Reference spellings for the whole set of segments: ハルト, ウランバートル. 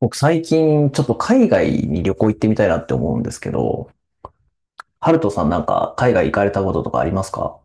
僕最近ちょっと海外に旅行行ってみたいなって思うんですけど、ハルトさんなんか海外行かれたこととかありますか？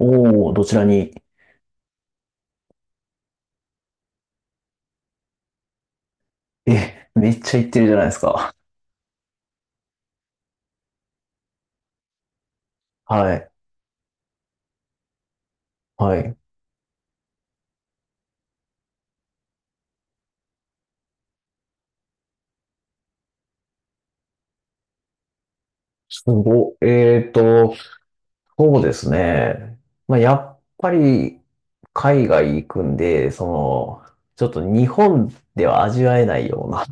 おおー、どちらに？え、めっちゃ行ってるじゃないですか。はい。はい。すごい、そうですね。まあ、やっぱり海外行くんで、その、ちょっと日本では味わえないような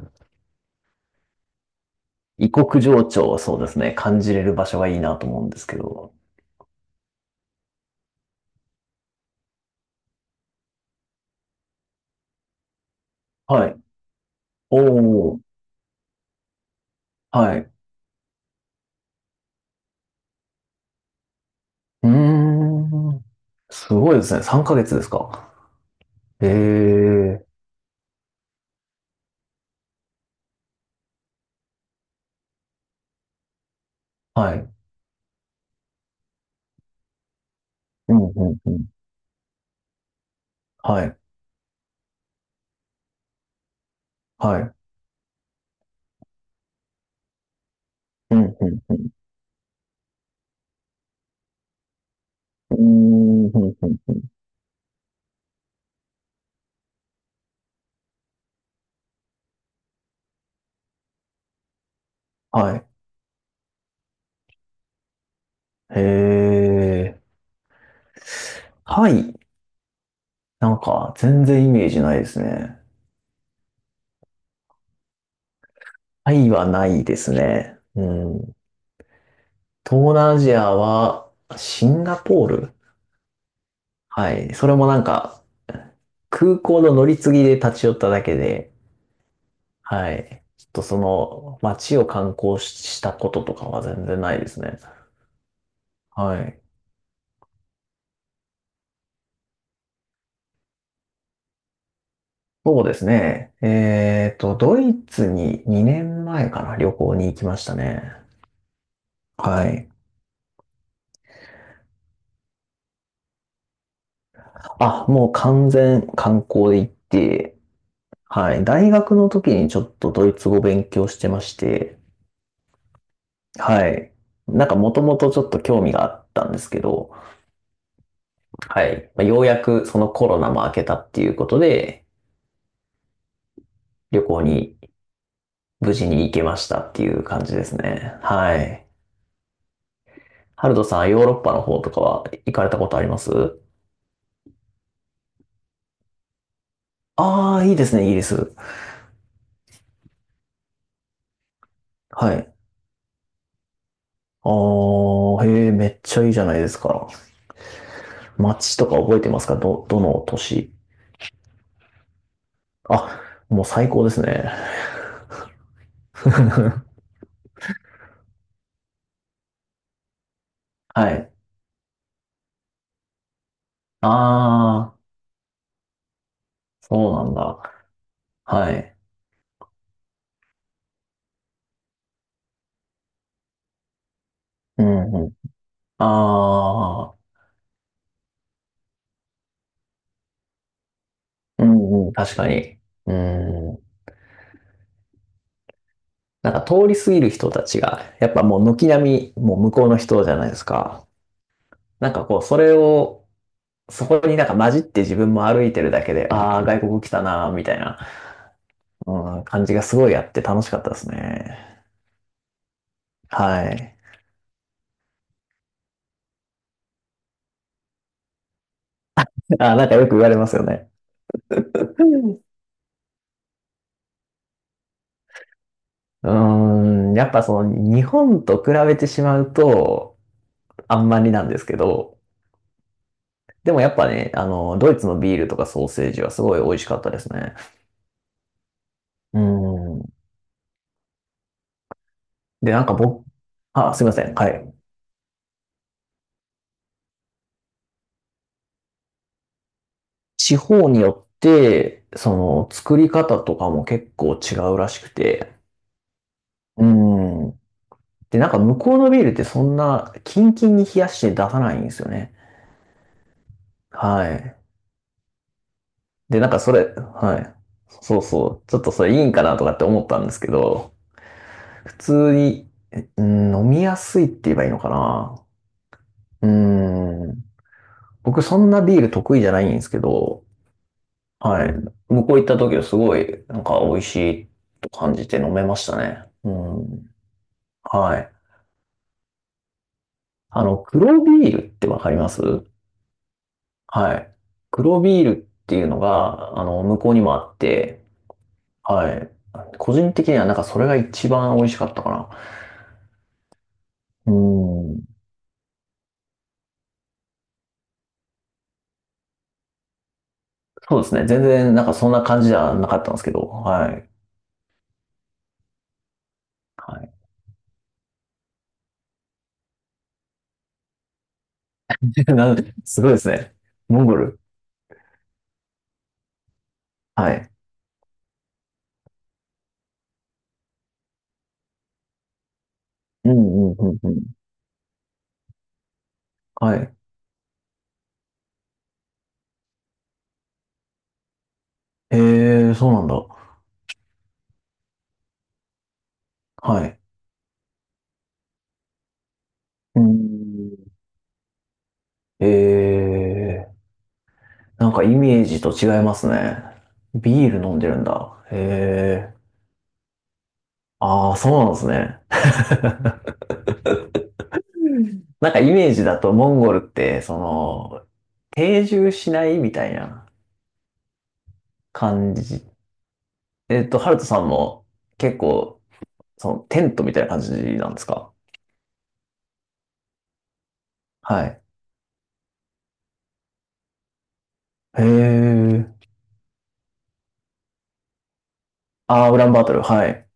異国情緒を、そうですね、感じれる場所がいいなと思うんですけど。はい。おお、はい。うーん。すごいですね。3ヶ月ですか。ええ、はい。うん、うん、うん。はい、はい。うん、うん、うん。うーん、うんうんうん。はい。へえ。タイ、なんか全然イメージないですね。タイはないですね。うん。東南アジアは、シンガポール、はい。それもなんか、空港の乗り継ぎで立ち寄っただけで、はい。ちょっとその街を観光ししたこととかは全然ないですね。はい。そうですね。えっと、ドイツに2年前かな、旅行に行きましたね。はい。あ、もう完全観光で行って、はい。大学の時にちょっとドイツ語勉強してまして、はい。なんかもともとちょっと興味があったんですけど、はい。まあようやくそのコロナも明けたっていうことで、旅行に無事に行けましたっていう感じですね。はい。ハルトさん、ヨーロッパの方とかは行かれたことあります？ああー、いいですね、イギリス。はい。ああ、へえ、めっちゃいいじゃないですか。街とか覚えてますか？どの都市？あ、もう最高ですね。はい。ああ、そうなんだ。はい。うんうん。ああ、うんうん、確かに。うん。なんか通り過ぎる人たちが、やっぱもう軒並み、もう向こうの人じゃないですか。なんかこう、それを、そこになんか混じって自分も歩いてるだけで、ああ、外国来たなー、みたいな、うん、感じがすごいあって楽しかったですね。はい。あ、なんかよく言われますよね。うーん、やっぱその日本と比べてしまうと、あんまりなんですけど、でもやっぱね、あの、ドイツのビールとかソーセージはすごい美味しかったですね。うん。で、なんか僕、あ、すいません。はい。地方によって、その作り方とかも結構違うらしくて。うん。で、なんか向こうのビールってそんなキンキンに冷やして出さないんですよね。はい。で、なんかそれ、はい。そうそう。ちょっとそれいいんかなとかって思ったんですけど、普通に、うん、飲みやすいって言えばいいのかな。うん。僕そんなビール得意じゃないんですけど、はい。向こう行った時はすごい、なんか美味しいと感じて飲めましたね。うん。はい。あの、黒ビールってわかります？はい。黒ビールっていうのが、あの、向こうにもあって、はい。個人的にはなんかそれが一番美味しかったかな。うん。そうですね。全然なんかそんな感じじゃなかったんですけど、はい。はい。なん、すごいですね。モンゴル。はい。うんうんうんうん。はい。えー、そうなんだ。はい。うん。えー。なんかイメージと違いますね。ビール飲んでるんだ。へえ。ああ、そうなんですね。なんかイメージだとモンゴルって、その、定住しないみたいな感じ。えっと、ハルトさんも結構、そのテントみたいな感じなんですか？はい。へえ。ああ、ウランバートル。はい。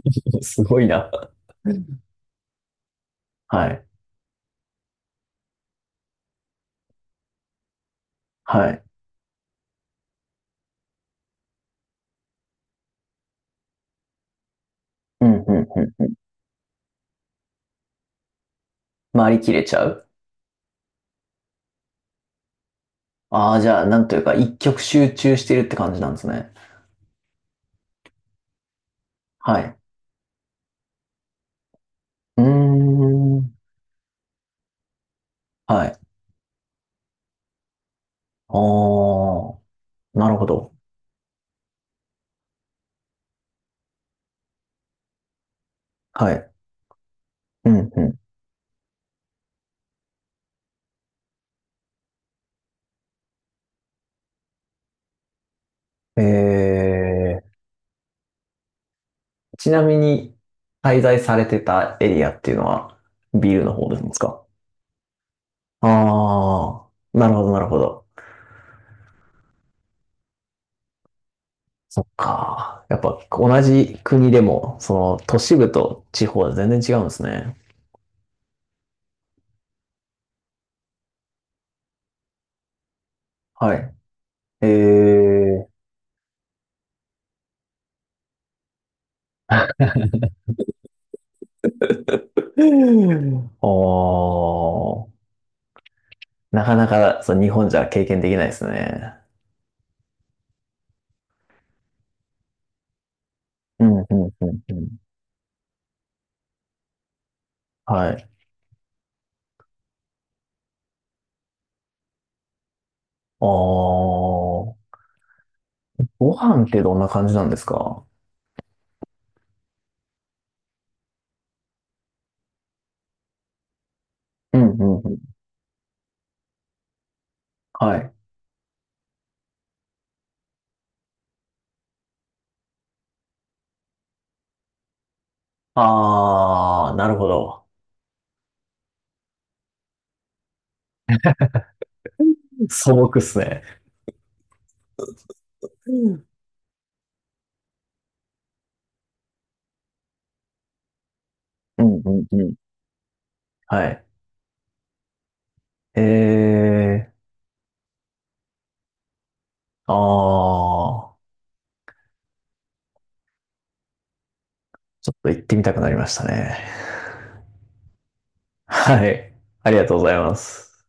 すごいな。はい。はい。うん、うん、うん。回りきれちゃう？ああー、じゃあ、なんというか、一極集中してるって感じなんですね。はい。うーん。はい。ああ、なるほど。はい。うんうん。えー、ちなみに、滞在されてたエリアっていうのは、ビルの方ですか？ああー、なるほど、なるほど。そっか。やっぱ、同じ国でも、その、都市部と地方は全然違うんですね。はい。えー、おー、なかなか、そう、日本じゃ経験できないですね。うん、うん、うん、うん。はい。ああ、ご飯ってどんな感じなんですか？うんうんうん。はい。あー、なるほど。素朴っすね。うんうんうんうん。はい。えー、あー、ちょっと行ってみたくなりましたね。はい。ありがとうございます。